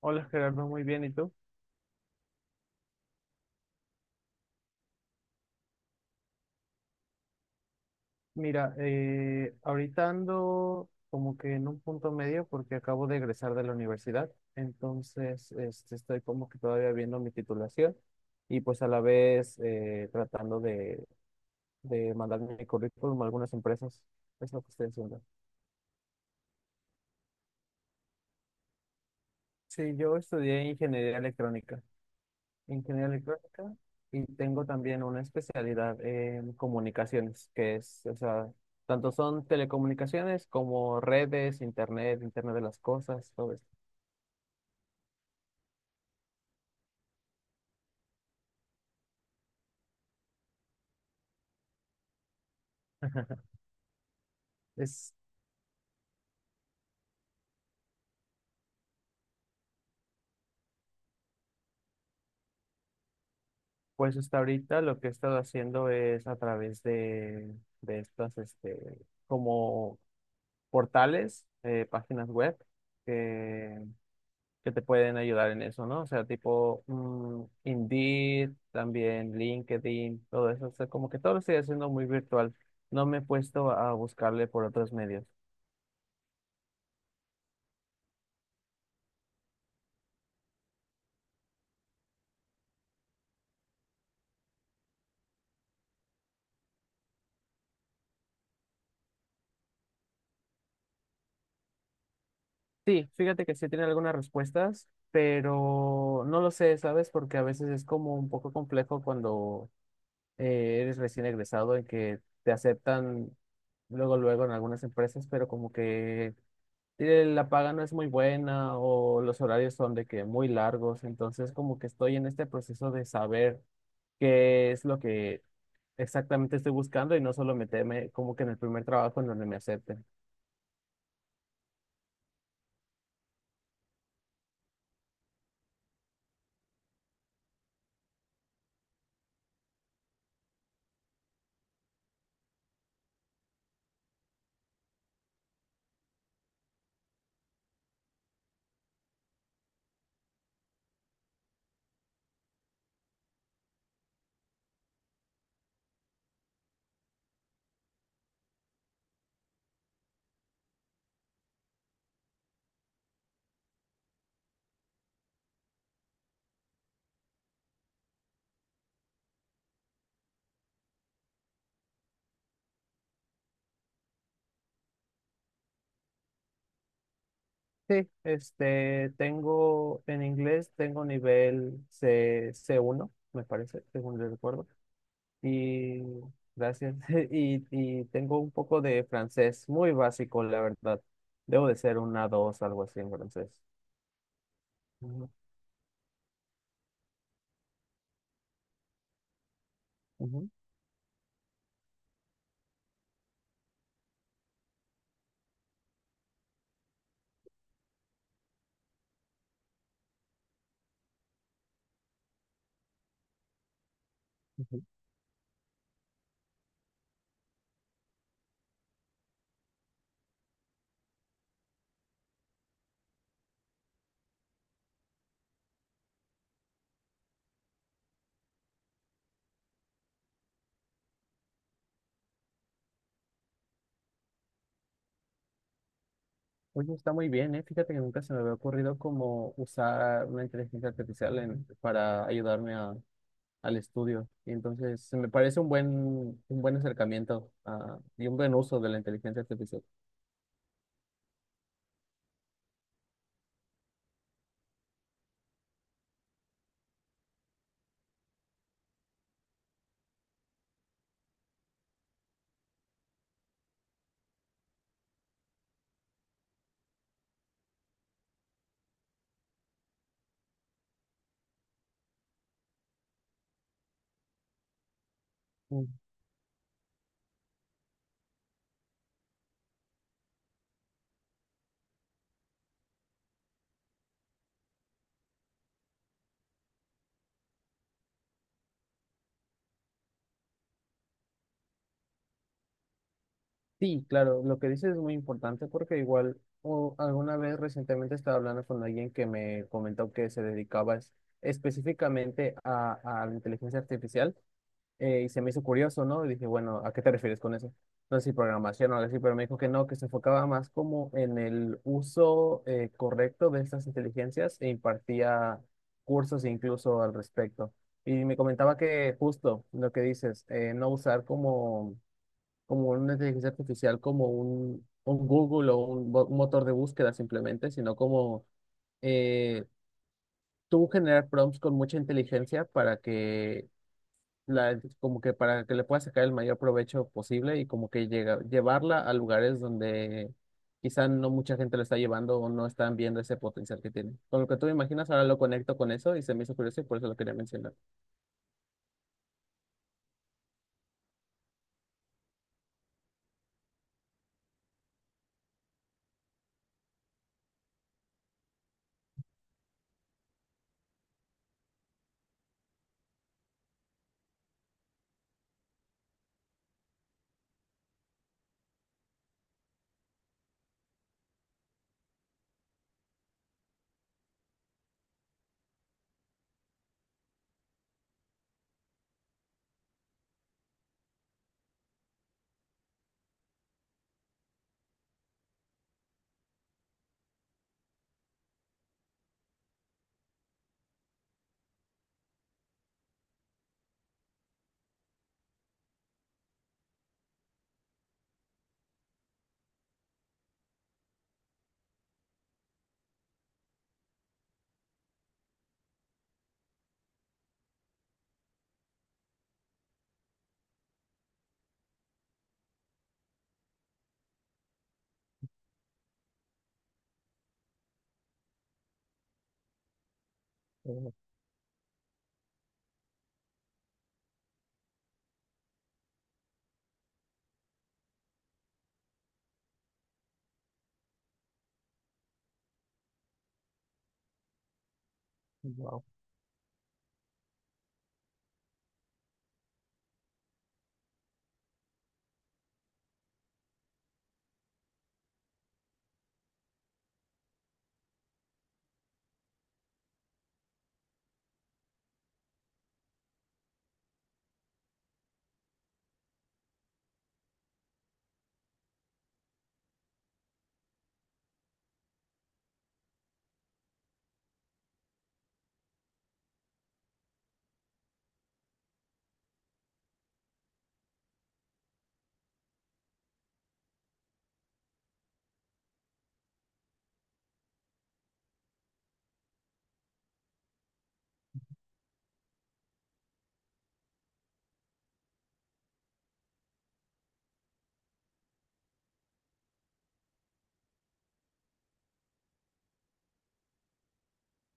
Hola Gerardo, muy bien. ¿Y tú? Mira, ahorita ando como que en un punto medio porque acabo de egresar de la universidad, entonces este, estoy como que todavía viendo mi titulación y pues a la vez tratando de mandar mi currículum a algunas empresas. Es lo que estoy haciendo. Sí, yo estudié ingeniería electrónica. Ingeniería electrónica y tengo también una especialidad en comunicaciones, que es, o sea, tanto son telecomunicaciones como redes, internet, internet de las cosas, todo esto. Es, pues hasta ahorita lo que he estado haciendo es a través de estas, este, como portales, páginas web, que te pueden ayudar en eso, ¿no? O sea, tipo Indeed, también LinkedIn, todo eso. O sea, como que todo lo estoy haciendo muy virtual. No me he puesto a buscarle por otros medios. Sí, fíjate que sí tiene algunas respuestas, pero no lo sé, ¿sabes? Porque a veces es como un poco complejo cuando eres recién egresado en que te aceptan luego, luego en algunas empresas, pero como que la paga no es muy buena o los horarios son de que muy largos, entonces como que estoy en este proceso de saber qué es lo que exactamente estoy buscando y no solo meterme como que en el primer trabajo en donde me acepten. Sí, este, tengo en inglés, tengo nivel C, C1, me parece, según yo recuerdo, y gracias, y tengo un poco de francés, muy básico, la verdad. Debo de ser una dos, algo así en francés. Ujú, ujú. Ujú. Oye, está muy bien, ¿eh? Fíjate que nunca se me había ocurrido como usar una inteligencia artificial en- para ayudarme a- al estudio. Y entonces, se me parece un buen acercamiento ah, y un buen uso de la inteligencia artificial. Mm. Sí, claro, lo que dices es muy importante porque igual o alguna vez recientemente estaba hablando con alguien que me comentó que se dedicaba es- específicamente a la inteligencia artificial y se me hizo curioso, ¿no? Y dije, bueno, ¿a qué te refieres con eso? No sé si programación o algo así, pero me dijo que no, que se enfocaba más como en el uso correcto de estas inteligencias e impartía cursos incluso al respecto. Y me comentaba que justo lo que dices, no usar como, como una inteligencia artificial como un Google o un, bo- un motor de búsqueda simplemente, sino como eh, tú generar prompts con mucha inteligencia para que la, como que para que le pueda sacar el mayor provecho posible y como que llega, llevarla a lugares donde quizá no mucha gente lo está llevando o no están viendo ese potencial que tiene. Con lo que tú me imaginas, ahora lo conecto con eso y se me hizo curioso y por eso lo quería mencionar. Oh, wow.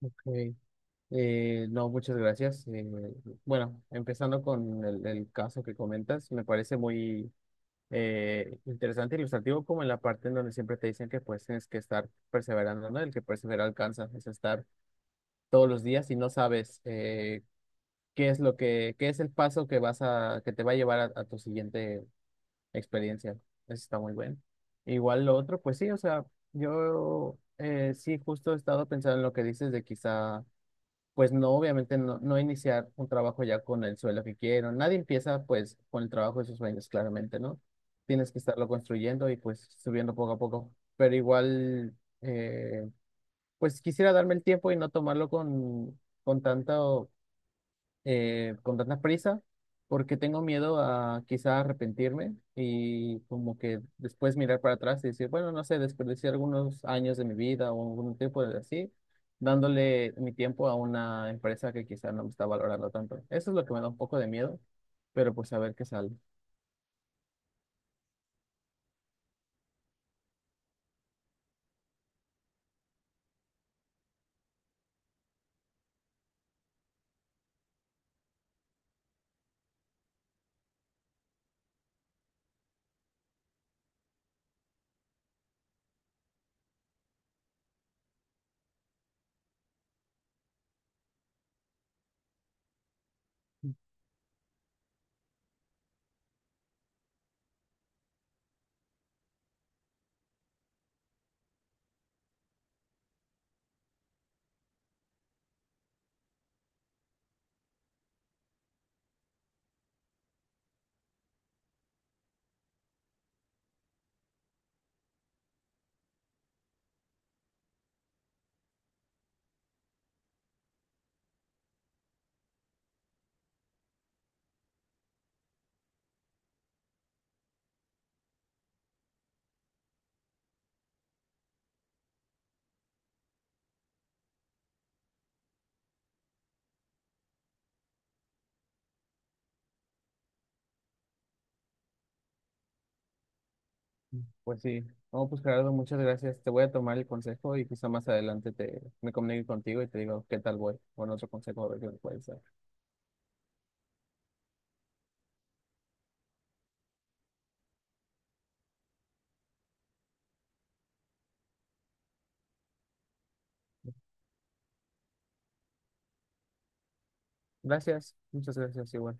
Ok. No, muchas gracias. Bueno, empezando con el caso que comentas, me parece muy interesante, e ilustrativo, como en la parte en donde siempre te dicen que pues tienes que estar perseverando, ¿no? El que persevera alcanza, es estar todos los días y no sabes qué es lo que, qué es el paso que vas a, que te va a llevar a tu siguiente experiencia. Eso está muy bueno. Igual lo otro, pues sí, o sea, yo sí justo he estado pensando en lo que dices de quizá, pues no, obviamente no iniciar un trabajo ya con el sueldo que quiero. Nadie empieza pues con el trabajo de sus sueños, claramente, ¿no? Tienes que estarlo construyendo y pues subiendo poco a poco. Pero igual, eh, pues quisiera darme el tiempo y no tomarlo con tanta con tantas prisas porque tengo miedo a quizá arrepentirme y como que después mirar para atrás y decir, bueno, no sé, desperdicié algunos años de mi vida o algún tiempo de así, dándole mi tiempo a una empresa que quizá no me está valorando tanto. Eso es lo que me da un poco de miedo, pero pues a ver qué sale. Pues sí, no, pues Gerardo, muchas gracias. Te voy a tomar el consejo y quizá más adelante me comunique contigo y te digo qué tal voy con otro consejo a ver qué me puedes dar. Gracias, muchas gracias, igual.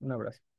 Un abrazo.